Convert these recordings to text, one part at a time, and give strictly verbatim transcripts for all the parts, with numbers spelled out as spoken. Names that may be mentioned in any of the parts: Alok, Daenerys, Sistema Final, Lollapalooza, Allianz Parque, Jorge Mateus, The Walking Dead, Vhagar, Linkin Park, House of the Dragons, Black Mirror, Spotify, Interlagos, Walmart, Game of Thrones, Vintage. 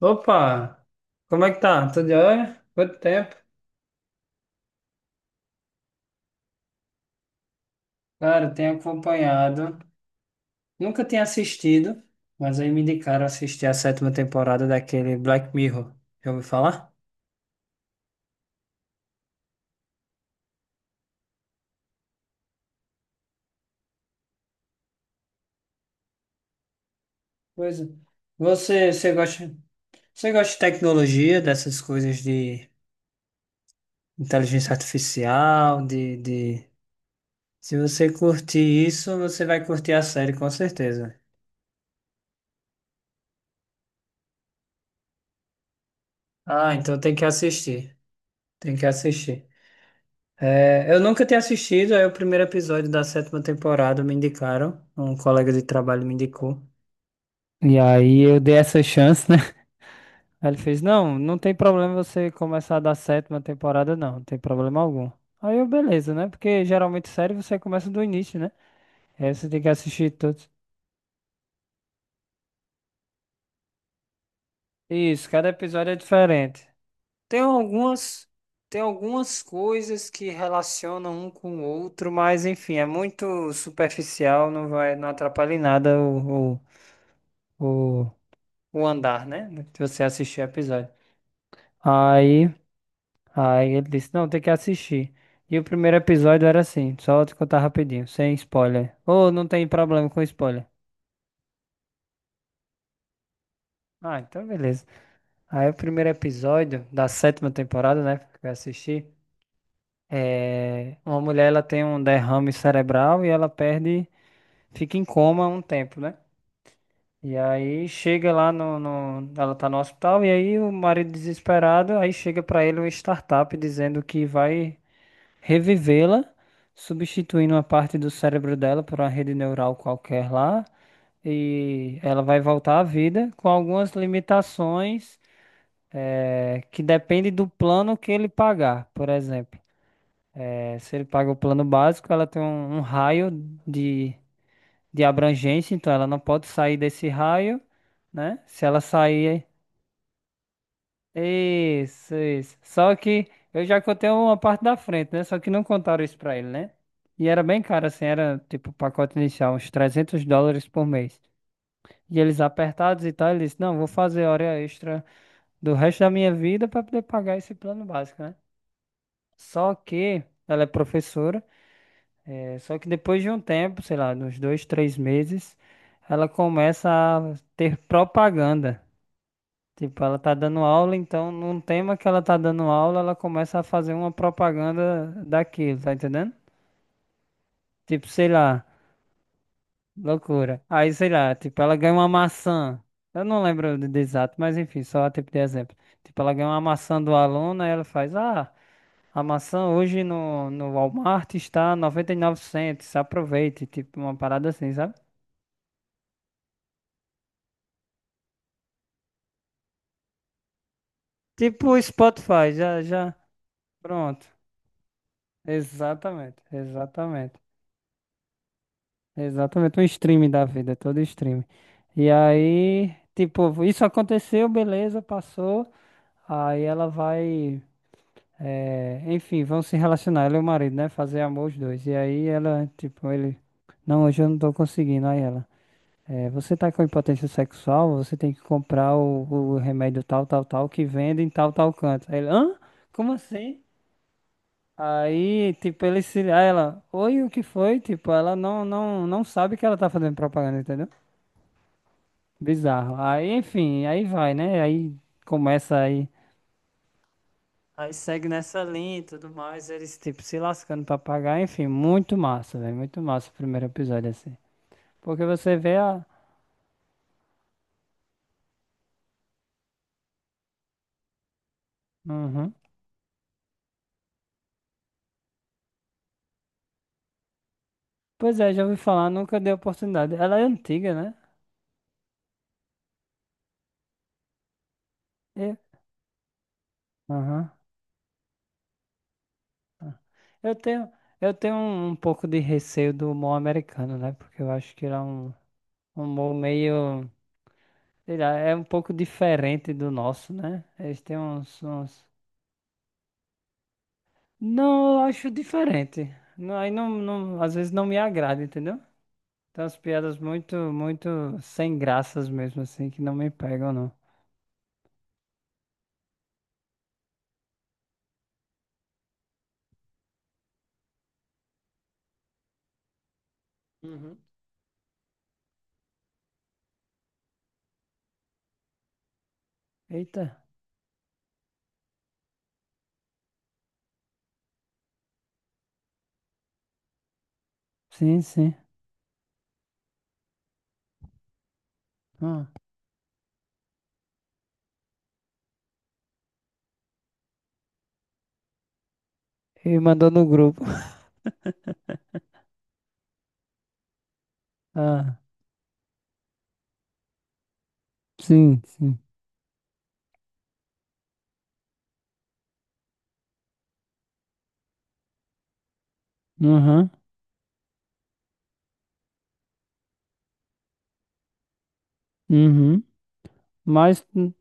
Opa! Como é que tá? Tudo jóia? Quanto tempo? Cara, eu tenho acompanhado. Nunca tinha assistido, mas aí me indicaram assistir a sétima temporada daquele Black Mirror. Já ouviu falar? Pois é. Você, você gosta, você gosta de tecnologia, dessas coisas de inteligência artificial, de, de... Se você curtir isso, você vai curtir a série, com certeza. Ah, então tem que assistir. Tem que assistir. É, eu nunca tinha assistido, aí o primeiro episódio da sétima temporada me indicaram, um colega de trabalho me indicou. E aí eu dei essa chance, né? Aí ele fez, não, não tem problema você começar da sétima temporada, não, não tem problema algum. Aí eu, beleza, né? Porque geralmente série você começa do início, né? Aí você tem que assistir todos. Isso, cada episódio é diferente. Tem algumas, tem algumas coisas que relacionam um com o outro, mas enfim, é muito superficial, não vai, não atrapalha em nada o o, o andar, né? Se você assistir o episódio. Aí, aí ele disse, não, tem que assistir. E o primeiro episódio era assim, só vou te contar rapidinho, sem spoiler. Ou não tem problema com spoiler. Ah, então beleza. Aí o primeiro episódio da sétima temporada, né, que eu assisti, é... uma mulher, ela tem um derrame cerebral e ela perde, fica em coma um tempo, né? E aí chega lá no, no- ela tá no hospital e aí o marido desesperado, aí chega pra ele uma startup dizendo que vai revivê-la, substituindo uma parte do cérebro dela por uma rede neural qualquer lá, e ela vai voltar à vida com algumas limitações eh, que dependem do plano que ele pagar, por exemplo. Eh, se ele paga o plano básico, ela tem um, um raio de de abrangência, então ela não pode sair desse raio, né? Se ela sair... Isso, isso. Só que eu já contei uma parte da frente, né? Só que não contaram isso pra ele, né? E era bem caro, assim, era tipo o pacote inicial, uns trezentos dólares por mês. E eles apertados e tal, ele disse, não, vou fazer hora extra do resto da minha vida pra poder pagar esse plano básico, né? Só que ela é professora, é, só que depois de um tempo, sei lá, uns dois, três meses, ela começa a ter propaganda. Tipo, ela tá dando aula, então num tema que ela tá dando aula, ela começa a fazer uma propaganda daquilo, tá entendendo? Tipo, sei lá, loucura. Aí, sei lá, tipo, ela ganha uma maçã. Eu não lembro de, de exato, mas enfim, só a tipo de exemplo. Tipo, ela ganha uma maçã do aluno, aí ela faz, ah, a maçã hoje no, no Walmart está noventa e nove cents, aproveite, tipo, uma parada assim, sabe? Tipo o Spotify, já, já, pronto. Exatamente, exatamente. Exatamente, um stream da vida, é todo stream. E aí, tipo, isso aconteceu, beleza, passou. Aí ela vai, eh, enfim, vão se relacionar, ela e o marido, né? Fazer amor os dois. E aí ela, tipo, ele, não, hoje eu não tô conseguindo. Aí ela, eh, você tá com impotência sexual, você tem que comprar o, o remédio tal, tal, tal, que vende em tal, tal canto. Aí ele, hã? Como assim? Aí, tipo, ele se... Aí ela, oi, o que foi? Tipo, ela não, não, não sabe que ela tá fazendo propaganda, entendeu? Bizarro. Aí, enfim, aí vai, né? Aí começa aí. Aí segue nessa linha e tudo mais, eles tipo se lascando pra pagar, enfim, muito massa, velho, muito massa o primeiro episódio assim. Porque você vê a... Uhum. Pois é, já ouvi falar, nunca dei oportunidade. Ela é antiga, né? E... Uhum. Eu tenho, eu tenho um, um pouco de receio do humor americano, né? Porque eu acho que ele é um um humor meio, sei lá, é um pouco diferente do nosso, né? Eles têm uns, uns... Não, eu acho diferente. Não, aí não, não, às vezes não me agrada, entendeu? Tem umas piadas muito, muito sem graças mesmo, assim, que não me pegam, não. Uhum. Eita, sim, sim. Ah, ele mandou no grupo. Ah, sim, sim. Uhum, uhum. Mas, n-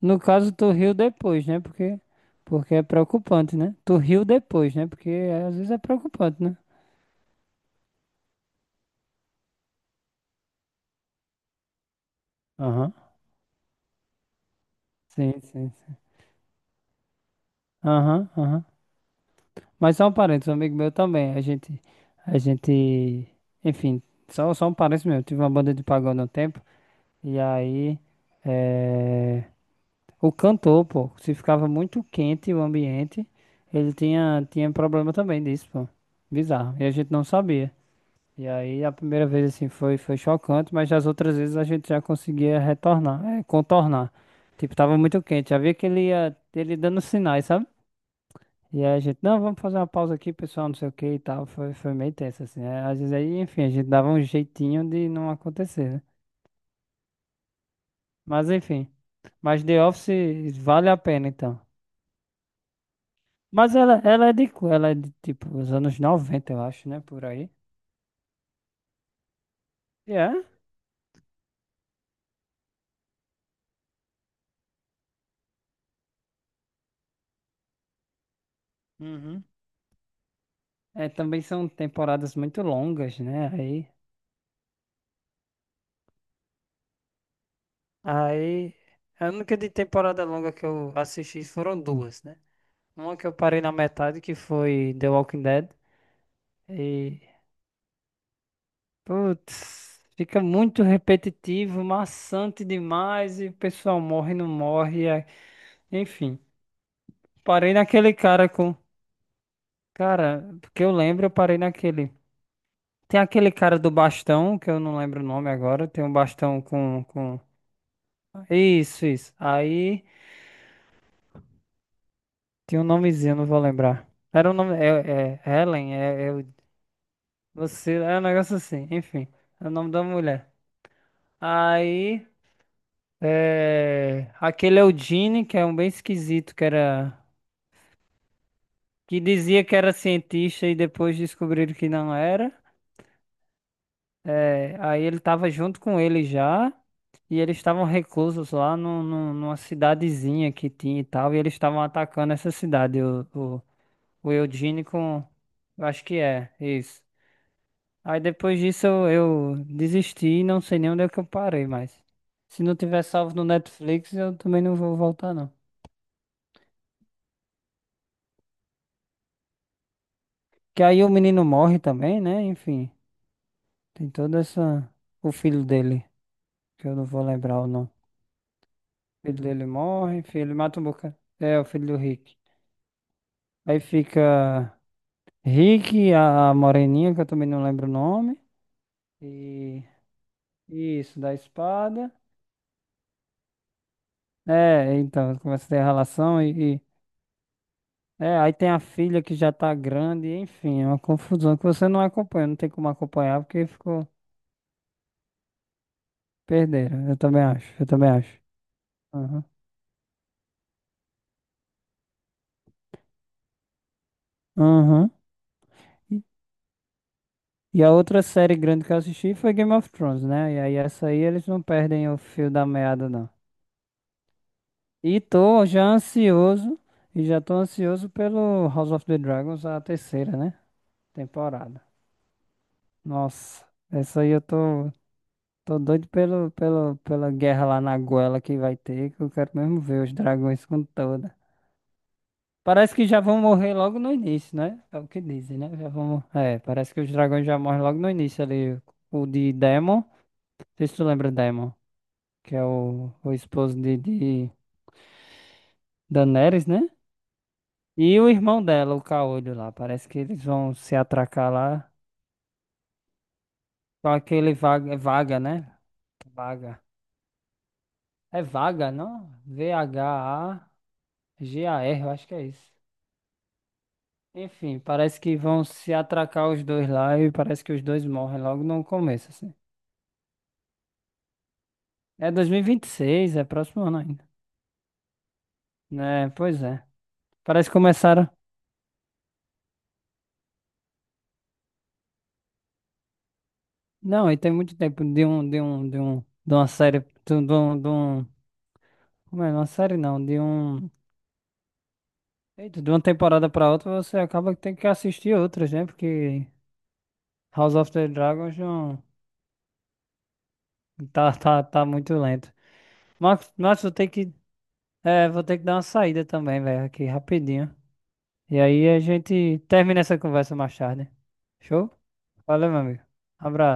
no caso, tu riu depois, né? Porque, porque é preocupante, né? Tu riu depois, né? Porque é, às vezes é preocupante, né? Aham, sim, sim, sim. Aham, aham. Mas só um parênteses, um amigo meu também. A gente, a gente, enfim, só, só um parênteses mesmo. Tive uma banda de pagode há um tempo. E aí, eh, o cantor, pô, se ficava muito quente o ambiente, ele tinha, tinha problema também disso, pô. Bizarro. E a gente não sabia. E aí, a primeira vez, assim, foi, foi chocante, mas as outras vezes a gente já conseguia retornar, eh, contornar. Tipo, tava muito quente. Já via que ele ia, ele dando sinais, sabe? E aí a gente, não, vamos fazer uma pausa aqui, pessoal, não sei o que e tal. Foi, foi meio tenso, assim, né? Às vezes aí, enfim, a gente dava um jeitinho de não acontecer, né? Mas enfim. Mas The Office vale a pena, então. Mas ela, ela é de, qu- ela é de, tipo, os anos noventa, eu acho, né? Por aí. E é? Uhum. É, também são temporadas muito longas, né? Aí, aí, a única de temporada longa que eu assisti foram duas, né? Uma que eu parei na metade, que foi The Walking Dead. Putz, fica muito repetitivo, maçante demais e o pessoal morre, não morre, é... Enfim, parei naquele cara com... Cara, porque eu lembro, eu parei naquele. Tem aquele cara do bastão, que eu não lembro o nome agora. Tem um bastão com, com... Isso, isso. Aí tinha um nomezinho, não vou lembrar. Era um nome. É, é é Helen, é, é... o- Você... é um negócio assim, enfim. É o nome da mulher. Aí... É, aquele é o Gene, que é um bem esquisito, que era que dizia que era cientista e depois descobriram que não era. É, aí ele tava junto com ele já, e eles estavam reclusos lá no, no- numa cidadezinha que tinha e tal, e eles estavam atacando essa cidade, o, o, o Eugene com... Eu acho que é isso. Aí depois disso eu, eu desisti e não sei nem onde é que eu parei mais. Se não tiver salvo no Netflix, eu também não vou voltar, não. Que aí o menino morre também, né? Enfim, tem toda essa... O filho dele, que eu não vou lembrar o nome. O filho dele morre, filho mata um bocado. É, o filho do Rick. Aí fica Rick, a a moreninha, que eu também não lembro o nome. E isso, da espada. É, então, começa a ter relação e... e- é, aí tem a filha que já tá grande, enfim, é uma confusão que você não acompanha, não tem como acompanhar porque ficou... Perderam, eu também acho, eu também acho. Aham. Aham. E a outra série grande que eu assisti foi Game of Thrones, né? E aí essa aí eles não perdem o fio da meada, não. E tô já ansioso, e já tô ansioso pelo House of the Dragons, a terceira, né? Temporada. Nossa, essa aí eu tô, tô doido pelo, pelo, pela guerra lá na goela que vai ter, que eu quero mesmo ver os dragões com toda... Parece que já vão morrer logo no início, né? É o que dizem, né? Já vão... É, parece que os dragões já morrem logo no início ali. O de Demon, não sei se tu lembra Demon, que é o, o esposo de, de Daenerys, né? E o irmão dela, o Caolho lá. Parece que eles vão se atracar lá com aquele vaga, é vaga, né? Vaga. É vaga, não? V H A G A R, eu acho que é isso. Enfim, parece que vão se atracar os dois lá e parece que os dois morrem logo no começo, assim. É dois mil e e vinte e seis, é próximo ano ainda, né? Pois é. Parece que começaram. Não, e tem muito tempo de um, de um, de um, de uma série, de um, de um, de um- Como é? Uma série não, de um. Eita, de uma temporada pra outra você acaba que tem que assistir outras, né? Porque House of the Dragons não. Tá, tá, tá muito lento. Mas, mas vou ter que... É, vou ter que dar uma saída também, velho, aqui rapidinho. E aí a gente termina essa conversa mais tarde. Show? Valeu, meu amigo. Abraço.